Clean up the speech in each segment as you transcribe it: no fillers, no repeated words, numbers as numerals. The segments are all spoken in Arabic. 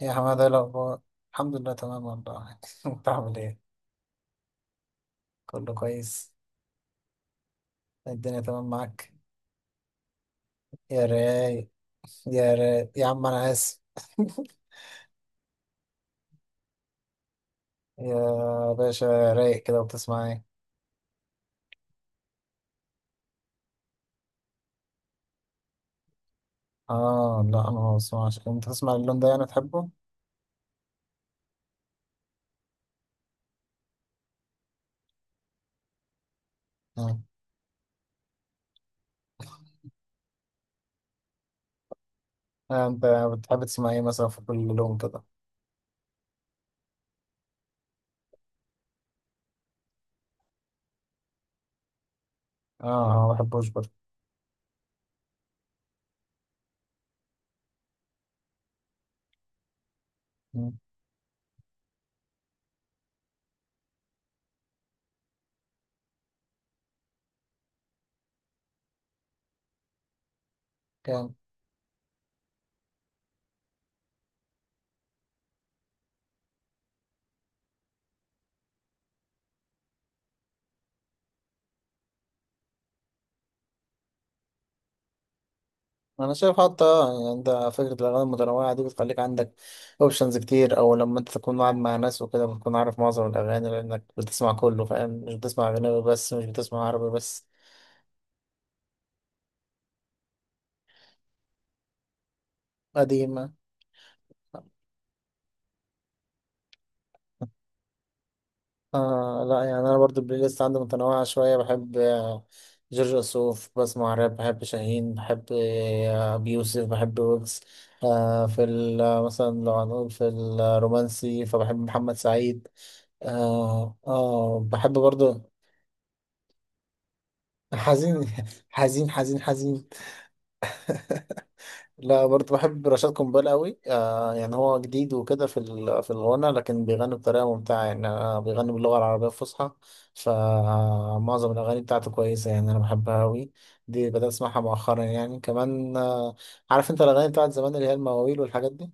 يا حمادة، ايه الأخبار؟ الحمد لله، تمام والله. انت عامل ايه؟ كله كويس، الدنيا تمام معاك. يا رايق، يا رايق يا عم، أنا آسف. يا باشا، رايق كده وبتسمع ايه؟ اه لا، أنا ما بسمعش. انت تسمع اللون ده، يعني تحبه؟ آه. آه، انت بتحب تسمع ايه مثلا في كل لون كده؟ اه ما بحبوش برضه. مم. كام؟ انا شايف حتى، يعني انت فكره الاغاني المتنوعه دي بتخليك عندك اوبشنز كتير، او لما انت تكون قاعد مع ناس وكده، بتكون عارف معظم الاغاني لانك بتسمع كله، فاهم؟ مش بتسمع اجنبي بس، مش بتسمع عربي بس. قديمه. آه لا، يعني انا برضو البلاي ليست عندي متنوعه شويه. بحب جورج وسوف، بسمع راب، بحب شاهين، بحب ابي يوسف، بحب ويجز. آه في ال- آه، مثلا لو هنقول في الرومانسي، فبحب محمد سعيد. آه، بحب برضو. حزين حزين حزين. حزين. لا برضه، بحب رشاد قنبال قوي. آه، يعني هو جديد وكده في الغنى، لكن بيغني بطريقه ممتعه. يعني أنا، بيغني باللغه العربيه الفصحى، فمعظم الاغاني بتاعته كويسه، يعني انا بحبها قوي. دي بدات اسمعها مؤخرا يعني، كمان آه، عارف انت الاغاني بتاعت زمان، اللي هي المواويل والحاجات دي؟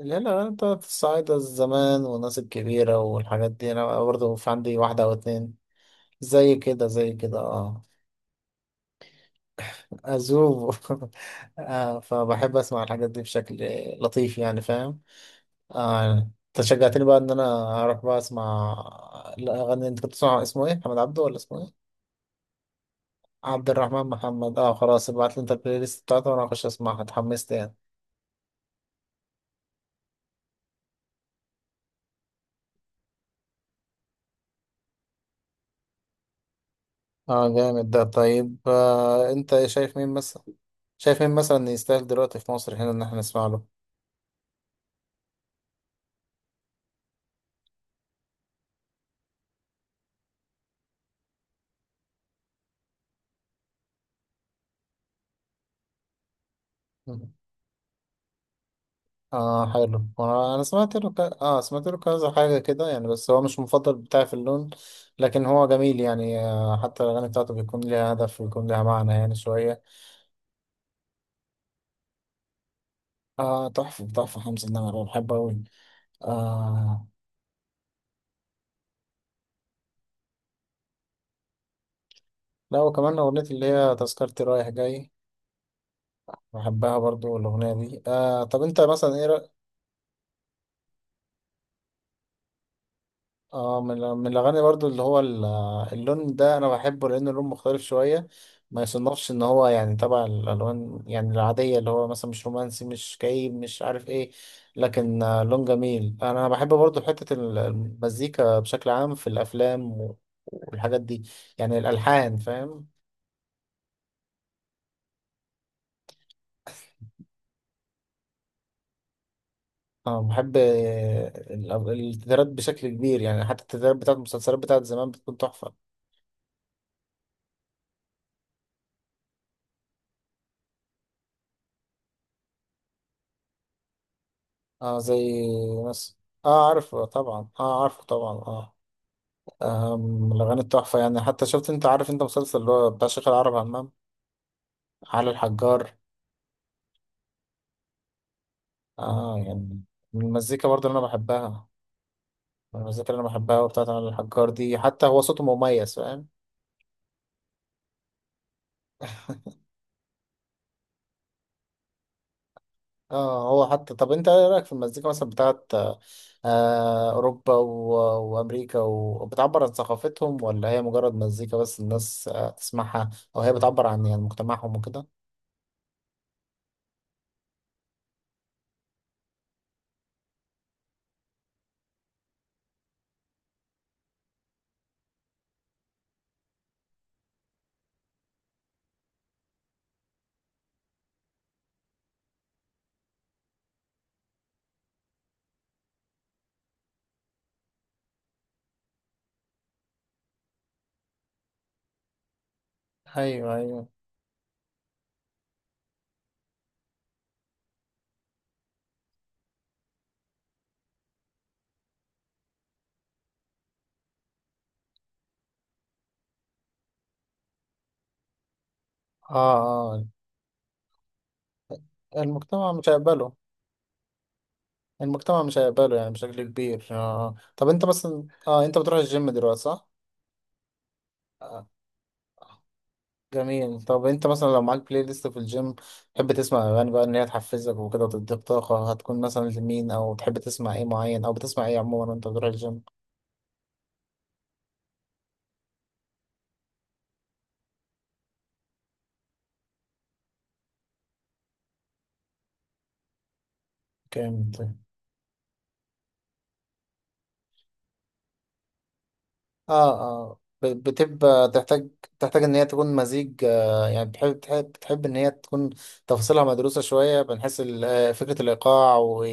اللي هي الاغاني بتاعت الصعايده زمان، والناس الكبيره والحاجات دي، انا برضه في عندي واحده او اتنين. زي كده، زي كده، اه. أذوب. آه، فبحب أسمع الحاجات دي بشكل لطيف، يعني فاهم. آه، أنت شجعتني بقى إن أنا أروح بقى أسمع الأغاني. أنت كنت بتسمع اسمه إيه؟ محمد عبده ولا اسمه إيه؟ عبد الرحمن محمد، أه خلاص. ابعت لي أنت البلاي ليست بتاعته، وأنا هخش أسمعها، اتحمست يعني. أه، جامد ده. طيب آه، أنت شايف مين مثلا؟ شايف مين مثلا يستاهل دلوقتي في مصر هنا، إن إحنا نسمع له؟ اه، حلو. وانا سمعت له ك... اه سمعت له كذا حاجه كده، يعني بس هو مش المفضل بتاعي في اللون. لكن هو جميل يعني، آه، حتى الاغاني بتاعته بيكون ليها هدف، ويكون ليها معنى يعني شويه. اه، تحفه تحفه. حمزه النمر أنا بحبه قوي. آه لا، وكمان اغنيه اللي هي تذكرتي رايح جاي، بحبها برضو الاغنيه دي. آه، طب انت مثلا ايه؟ اه، من من الاغاني برضو اللي هو اللون ده، انا بحبه لان اللون مختلف شويه، ما يصنفش ان هو يعني تبع الالوان يعني العاديه، اللي هو مثلا مش رومانسي، مش كئيب، مش عارف ايه. لكن آه، لون جميل. انا بحب برضو حته المزيكا بشكل عام في الافلام والحاجات دي، يعني الالحان، فاهم. اه، بحب التترات بشكل كبير، يعني حتى التترات بتاعت المسلسلات بتاعت زمان بتكون تحفه. اه، زي مثلا، اه عارفه طبعا، اه عارفه طبعا، اه. أم، من الأغاني التحفة يعني، حتى شفت، أنت عارف أنت مسلسل اللي هو بتاع شيخ العرب عمام؟ علي الحجار، آه، يعني من المزيكا برضه اللي أنا بحبها. من المزيكا اللي أنا بحبها، وبتاعت علي الحجار دي، حتى هو صوته مميز، فاهم. اه، هو حتى. طب أنت إيه رأيك في المزيكا مثلا بتاعت آه أوروبا وأمريكا وبتعبر عن ثقافتهم، ولا هي مجرد مزيكا بس الناس آه تسمعها؟ أو هي بتعبر عن يعني مجتمعهم وكده؟ أيوه أيوه. اه اه. المجتمع مش هيقبله. المجتمع مش هيقبله يعني بشكل كبير. آه. طب انت مثلا، اه انت بتروح الجيم دلوقتي صح؟ آه. جميل. طب انت مثلا لو معاك بلاي ليست في الجيم، تحب تسمع اغاني بقى ان هي تحفزك وكده وتديك طاقة؟ هتكون مثلا لمين؟ او تحب تسمع ايه معين، او بتسمع ايه عموما وانت بتروح الجيم؟ جامد. اه اه، بتبقى تحتاج. تحتاج ان هي تكون مزيج. آه يعني، بتحب ان هي تكون تفاصيلها مدروسة شوية، بنحس فكرة الايقاع و-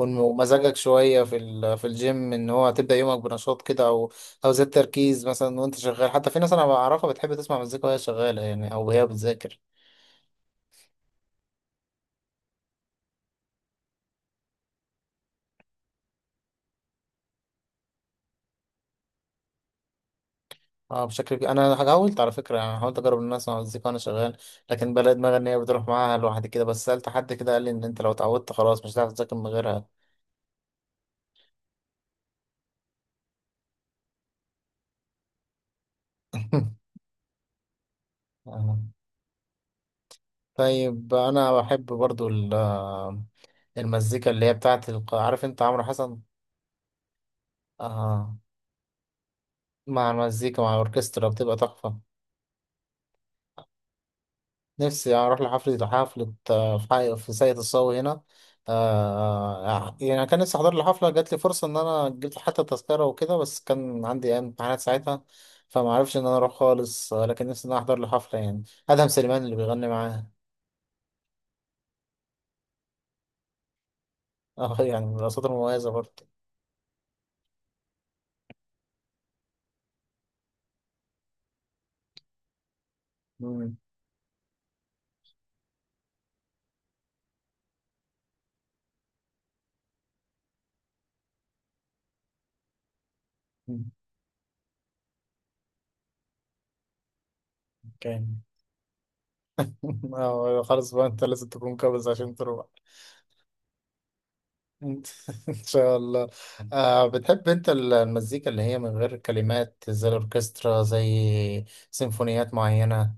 وإن- ومزاجك شوية في الجيم، ان هو تبدأ يومك بنشاط كده، او او زاد تركيز مثلا وانت شغال. حتى في ناس انا بعرفها بتحب تسمع مزيكا وهي شغالة يعني، او وهي بتذاكر. اه بشكل كبير. انا حاولت على فكرة يعني، حاولت اجرب ان انا اسمع مزيكا وانا شغال، لكن بلاقي دماغي ان هي بتروح معاها لوحدي كده. بس سألت حد كده، قال لي ان انت لو اتعودت خلاص، مش هتعرف تذاكر من غيرها. آه. طيب انا بحب برضو المزيكا اللي هي بتاعت عارف انت عمرو حسن؟ آه. مع المزيكا، مع الاوركسترا، بتبقى تحفة. نفسي اروح لحفلة، حفلة آه، في في ساقية الصاوي هنا. آه. يعني كان نفسي احضر لحفلة، جات لي فرصة ان انا جبت حتى تذكرة وكده، بس كان عندي أيام امتحانات ساعتها، فما عرفش ان انا اروح خالص. آه، لكن نفسي ان انا احضر لحفلة يعني، ادهم سليمان اللي بيغني معاه. اه يعني، من الاصوات المميزة برضه. مم. مم. اوكي. آه، خلاص بقى، انت لازم تكون كابز عشان تروح. ان شاء الله. آه، بتحب انت المزيكا اللي هي من غير كلمات، زي الاوركسترا، زي سيمفونيات معينة؟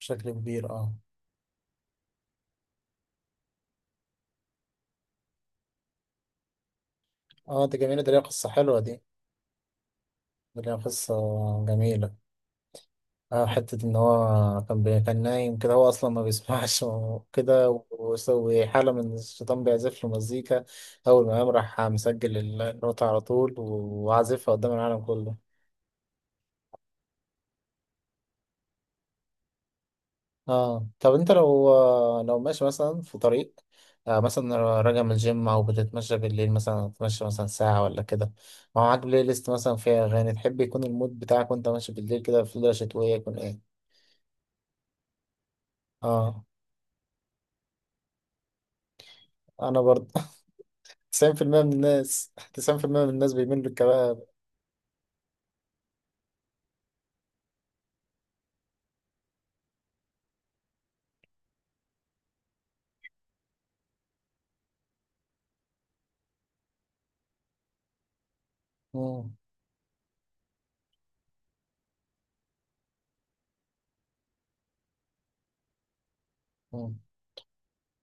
بشكل كبير اه اه. دي جميلة، دي ليها قصة حلوة دي. دي ليها قصة جميلة. اه، حتة ان هو كان كان نايم كده، هو اصلا ما بيسمعش، وكده، وسوي حالة من الشيطان بيعزف له مزيكا. اول ما قام، راح مسجل النوتة على طول، وعازفها قدام العالم كله. اه. طب انت لو، لو ماشي مثلا في طريق، آه مثلا راجع من الجيم، او بتتمشى بالليل مثلا، تتمشى مثلا ساعة ولا كده، ومعاك بلاي ليست مثلا فيها اغاني، تحب يكون المود بتاعك وانت ماشي بالليل كده في ليلة شتوية، يكون ايه؟ اه انا برضه. 90% من الناس، 90% من الناس بيميلوا للكباب. مم، مم.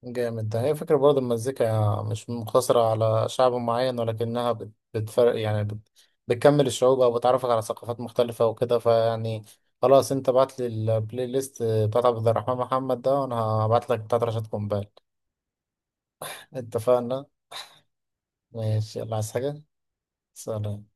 جامد ده. هي فكرة برضه، المزيكا مش مقتصرة على شعب معين، ولكنها بتفرق يعني، بتكمل الشعوب، أو بتعرفك على ثقافات مختلفة وكده، فيعني. خلاص، أنت بعت لي البلاي ليست بتاعت عبد الرحمن محمد ده، وأنا هبعت لك بتاعت رشاد قنبال. اتفقنا. ماشي، يلا عايز حاجة؟ سلام.